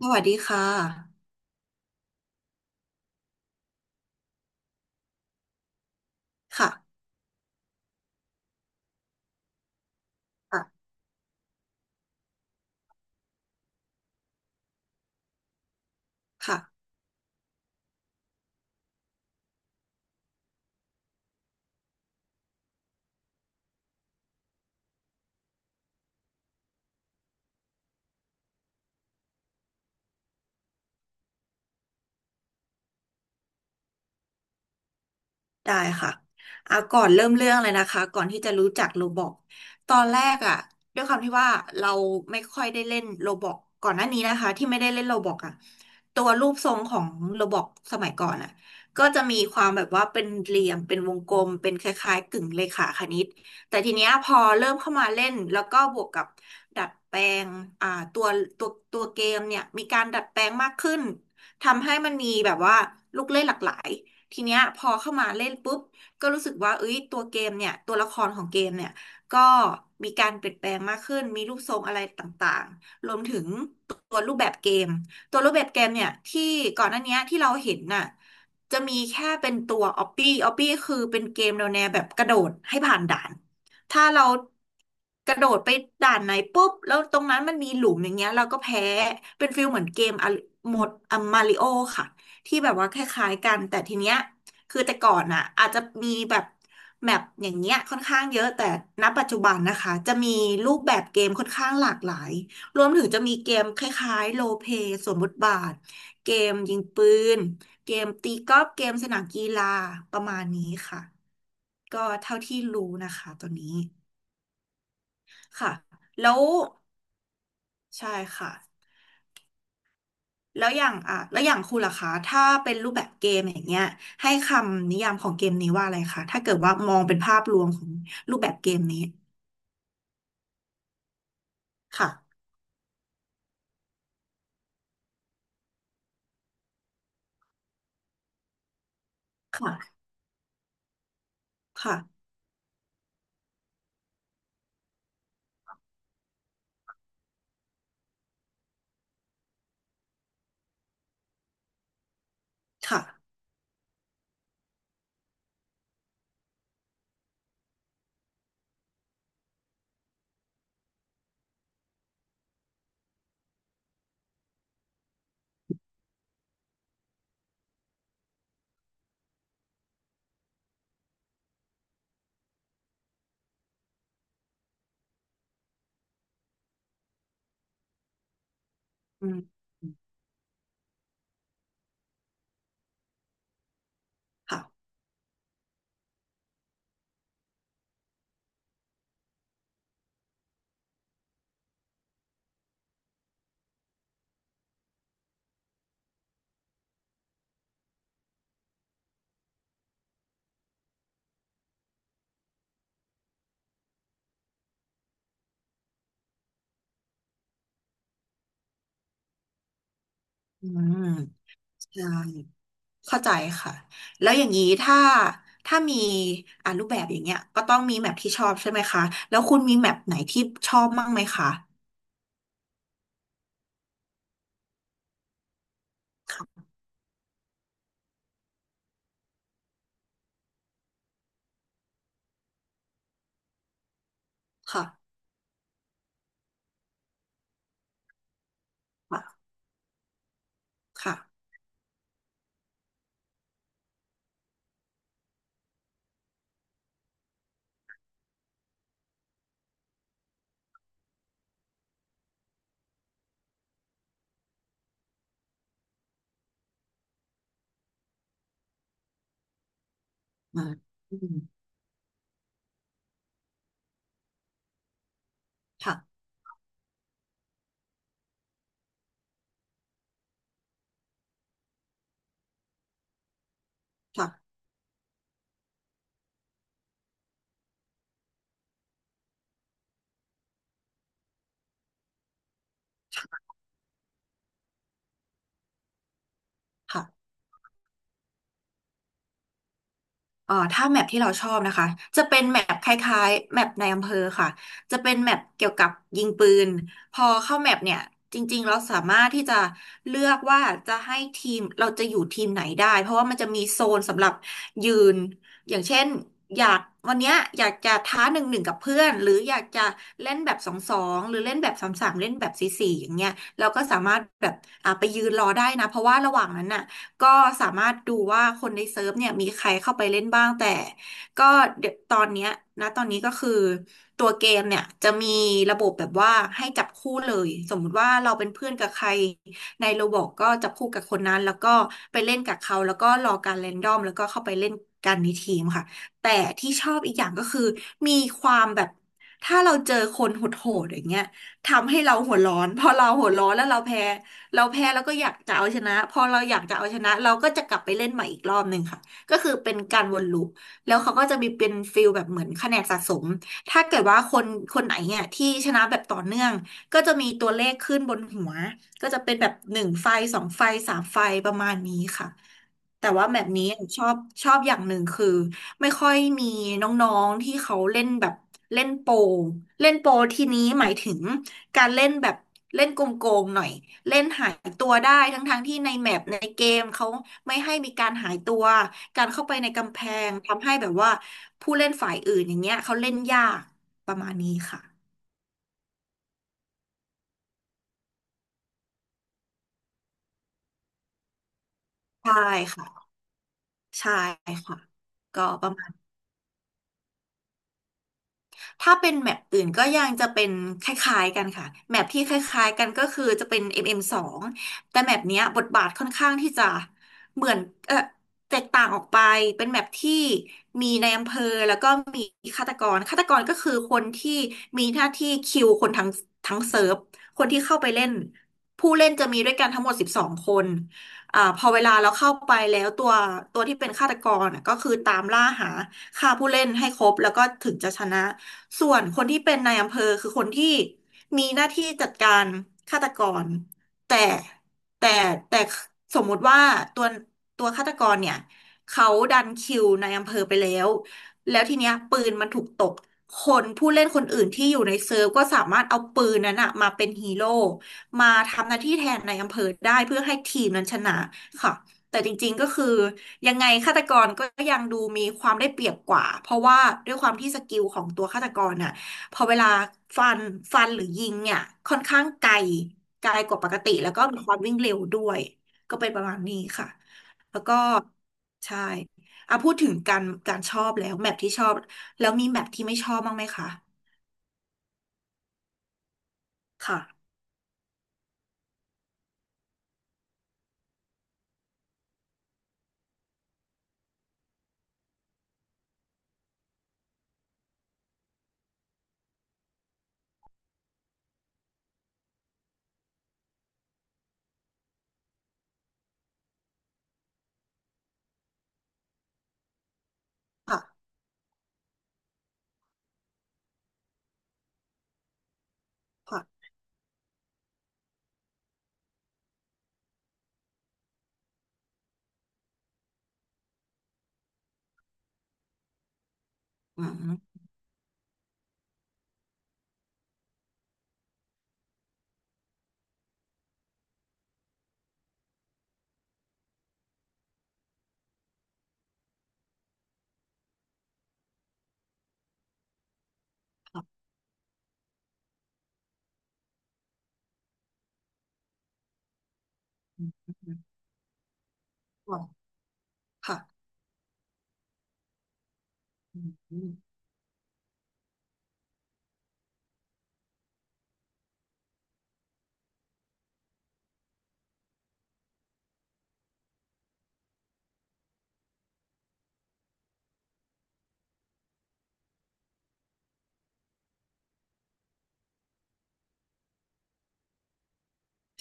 สวัสดีค่ะค่ะ ค่ะค่ะ ได้ค่ะอ่ะก่อนเริ่มเรื่องเลยนะคะก่อนที่จะรู้จักโรบล็อกตอนแรกอ่ะด้วยความที่ว่าเราไม่ค่อยได้เล่นโรบล็อกก่อนหน้านี้นะคะที่ไม่ได้เล่นโรบล็อกอ่ะตัวรูปทรงของโรบล็อกสมัยก่อนอ่ะก็จะมีความแบบว่าเป็นเหลี่ยมเป็นวงกลมเป็นคล้ายๆกึ่งเลขาคณิตแต่ทีเนี้ยพอเริ่มเข้ามาเล่นแล้วก็บวกกับดัดแปลงอ่าตัวตัวเกมเนี่ยมีการดัดแปลงมากขึ้นทำให้มันมีแบบว่าลูกเล่นหลากหลาย ทีเนี้ยพอเข้ามาเล่นปุ๊บก็รู้สึกว่าเอ้ยตัวเกมเนี่ยตัวละครของเกมเนี่ยก็มีการเปลี่ยนแปลงมากขึ้นมีรูปทรงอะไรต่างๆรวมถึงตัวรูปแบบเกมตัวรูปแบบเกมเนี่ยที่ก่อนหน้าเนี้ยที่เราเห็นน่ะจะมีแค่เป็นตัวออปปี้ออปปี้คือเป็นเกมแนวแบบกระโดดให้ผ่านด่านถ้าเรากระโดดไปด่านไหนปุ๊บแล้วตรงนั้นมันมีหลุมอย่างเงี้ยเราก็แพ้เป็นฟิลเหมือนเกมอะโหมดอะมาริโอค่ะ ที่แบบว่าคล้ายๆกันแต่ทีเนี้ยคือแต่ก่อนอ่ะอาจจะมีแบบแมปอย่างเงี้ยค่อนข้างเยอะแต่ณปัจจุบันนะคะจะมีรูปแบบเกมค่อนข้างหลากหลายรวมถึงจะมีเกมคล้ายๆโรลเพลย์สวมบทบาทเกมยิงปืนเกมตีกอล์ฟเกมสนามกีฬาประมาณนี้ค่ะก็เท่าที่รู้นะคะตัวนี้ค่ะแล้วใช่ค่ะ แล้วอย่างคุณล่ะคะถ้าเป็นรูปแบบเกมอย่างเงี้ยให้คำนิยามของเกมนี้ว่าอะไรคะถ้าเกิดว่ามองเป็นภาพรวมของรูปแบบเกมนี้ค่ะค่ะค่ะค่ะอืมค่ะอืมใช่เข้าใจค่ะแล้วอย่างนี้ถ้ามีอ่ารูปแบบอย่างเงี้ยก็ต้องมีแมปที่ชอบใช่ไหมคะแล้วคุณมีแมปไหนที่ชอบมั่งไหมคะค่ะค่ะค่ะค่ะอืมอืมค่ะค่ะค่ะ ถ้าแมปที่เราชอบนะคะจะเป็นแมปคล้ายๆแมปในอำเภอค่ะจะเป็นแมปเกี่ยวกับยิงปืนพอเข้าแมปเนี่ยจริงๆเราสามารถที่จะเลือกว่าจะให้ทีมเราจะอยู่ทีมไหนได้เพราะว่ามันจะมีโซนสำหรับยืนอย่างเช่นอยากวันเนี้ยอยากจะท้าหนึ่งหนึ่งกับเพื่อนหรืออยากจะเล่นแบบสองสองหรือเล่นแบบสามสามเล่นแบบสี่สี่อย่างเงี้ยเราก็สามารถแบบอ่ะไปยืนรอได้นะเพราะว่าระหว่างนั้นน่ะ ก็สามารถดูว่าคนในเซิร์ฟเนี่ยมีใครเข้าไปเล่นบ้างแต่ก็เดี๋ยวตอนเนี้ยนะตอนนี้ก็คือตัวเกมเนี่ยจะมีระบบแบบว่าให้จับคู่เลยสมมุติว่าเราเป็นเพื่อนกับใครในโรบอทก็จับคู่กับคนนั้นแล้วก็ไปเล่นกับเขาแล้วก็รอการแรนดอมแล้วก็เข้าไปเล่นกันในทีมค่ะแต่ที่ชอบอีกอย่างก็คือมีความแบบถ้าเราเจอคนโหดๆอย่างเงี้ยทำให้เราหัวร้อนพอเราหัวร้อนแล้วเราแพ้ เราแพ้แล้วก็อยากจะเอาชนะพอเราอยากจะเอาชนะเราก็จะกลับไปเล่นใหม่อีกรอบหนึ่งค่ะก็คือเป็นการวนลูปแล้วเขาก็จะมีเป็นฟิลแบบเหมือนคะแนนสะสมถ้าเกิดว่าคนคนไหนเนี่ยที่ชนะแบบต่อเนื่องก็จะมีตัวเลขขึ้นบนหัวก็จะเป็นแบบหนึ่งไฟสองไฟสามไฟประมาณนี้ค่ะแต่ว่าแบบนี้ชอบชอบอย่างหนึ่งคือไม่ค่อยมีน้องๆที่เขาเล่นแบบเล่นโปรเล่นโปรทีนี้หมายถึง การเล่นแบบเล่นโกงๆหน่อยเล่นหายตัวได้ทั้งๆที่ในแมปในเกมเขาไม่ให้มีการหายตัวการเข้าไปในกำแพงทำให้แบบว่าผู้เล่นฝ่ายอื่นอย่างเงี้ยเขาเล่นยากประมาณนี้ค่ะใช่ค่ะใช่ค่ะก็ประมาณ ถ้าเป็นแมปอื่นก็ยังจะเป็นคล้ายๆกันค่ะแมปที่คล้ายๆกันก็คือจะเป็น m m งแต่แมปเนี้ยบทบาทค่อนข้างที่จะเหมือนเออแตกต่างออกไปเป็นแมปที่มีในายอำเภอแล้วก็มีฆาตกรฆาตกรก็คือคนที่มีหน้าที่คิวคนทั้งเซิร์ฟคนที่เข้าไปเล่นผู้เล่นจะมีด้วยกันทั้งหมด12คนอ่าพอเวลาเราเข้าไปแล้วตัวที่เป็นฆาตกรน่ะก็คือตามล่าหาฆ่าผู้เล่นให้ครบแล้วก็ถึงจะชนะ ส่วนคนที่เป็นนายอำเภอคือคนที่มีหน้าที่จัดการฆาตกรแต่แต่แต่สมมุติว่าตัวตัวฆาตกรเนี่ยเขาดันคิวนายอำเภอไปแล้วแล้วทีเนี้ยปืนมันถูกตกคนผู้เล่นคนอื่นที่อยู่ในเซิร์ฟก็สามารถเอาปืนนั้นอะมาเป็นฮีโร่มาทำหน้าที่แทนนายอำเภอได้เพื่อให้ทีมนั้นชนะค่ะแต่จริงๆก็คือ ยังไงฆาตกรก็ยังดูมีความได้เปรียบกว่าเพราะว่าด้วยความที่สกิลของตัวฆาตกรน่ะพอเวลาฟันฟันหรือยิงเนี่ยค่อนข้างไกลไกลกว่าปกติแล้วก็มีความวิ่งเร็วด้วยก็เป็นประมาณนี้ค่ะแล้วก็ใช่อ่ะพูดถึงการชอบแล้วแมปที่ชอบแล้วมีแมปที่ไม่ชอบบ้างไหมคะค่ะค่ะค่ะอืมอืมอืมค่ะอืม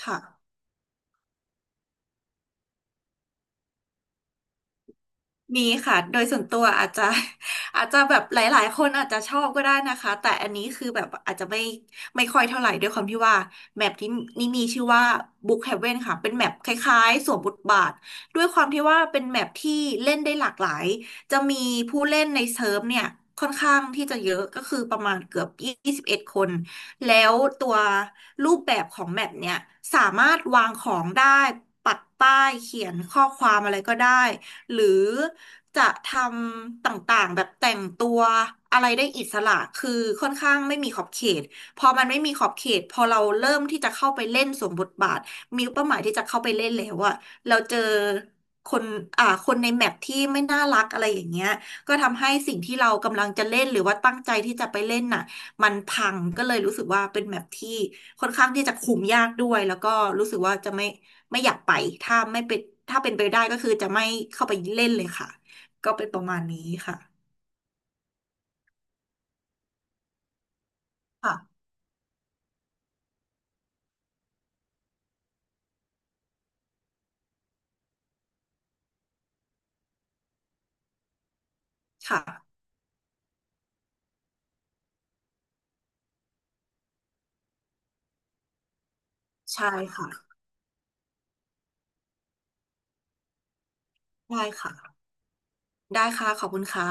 ค่ะ มีค่ะ โดยส่วนตัวอาจจะ อาจจะแบบหลายๆคนอาจจะชอบก็ได้นะคะ แต่อันนี้คือแบบอาจจะไม่ค่อยเท่าไหร่ด้วยความที่ว่าแมปที่นี่มีชื่อว่า Book Heaven ค่ะ เป็นแมปคล้ายๆสวมบทบาทด้วยความที่ว่าเป็นแมปที่เล่นได้หลากหลาย จะมีผู้เล่นในเซิร์ฟเนี่ยค่อนข้างที่จะเยอะก็คือประมาณเกือบ21คน แล้วตัวรูปแบบของแมปเนี่ยสามารถวางของได้ปักป้ายเขียนข้อความอะไรก็ได้หรือ จะทำต่างๆแบบแต่งตัวอะไรได้อิสระคือค่อนข้างไม่มีขอบเขตพอมันไม่มีขอบเขตพอเราเริ่มที่จะเข้าไปเล่นสวมบทบาทมีเป้าหมายที่จะเข้าไปเล่นแล้วอะเราเจอคนคนในแมปที่ไม่น่ารักอะไรอย่างเงี้ยก็ทำให้สิ่งที่เรากำลังจะเล่นหรือว่าตั้งใจที่จะไปเล่นน่ะมันพังก็เลยรู้สึกว่าเป็นแมปที่ค่อนข้างที่จะคุมยากด้วยแล้วก็รู้สึกว่าจะไม่อยากไปถ้าไม่เป็นถ้าเป็นไปได้ก็คือจะไม่เข้าไปเล่นเลยค่ะ ก็เป็นประมาณนี้ค่ะค่ะ ค่ะ ใช่ค่ะ ได้ค่ะ ได้ค่ะขอบคุณค่ะ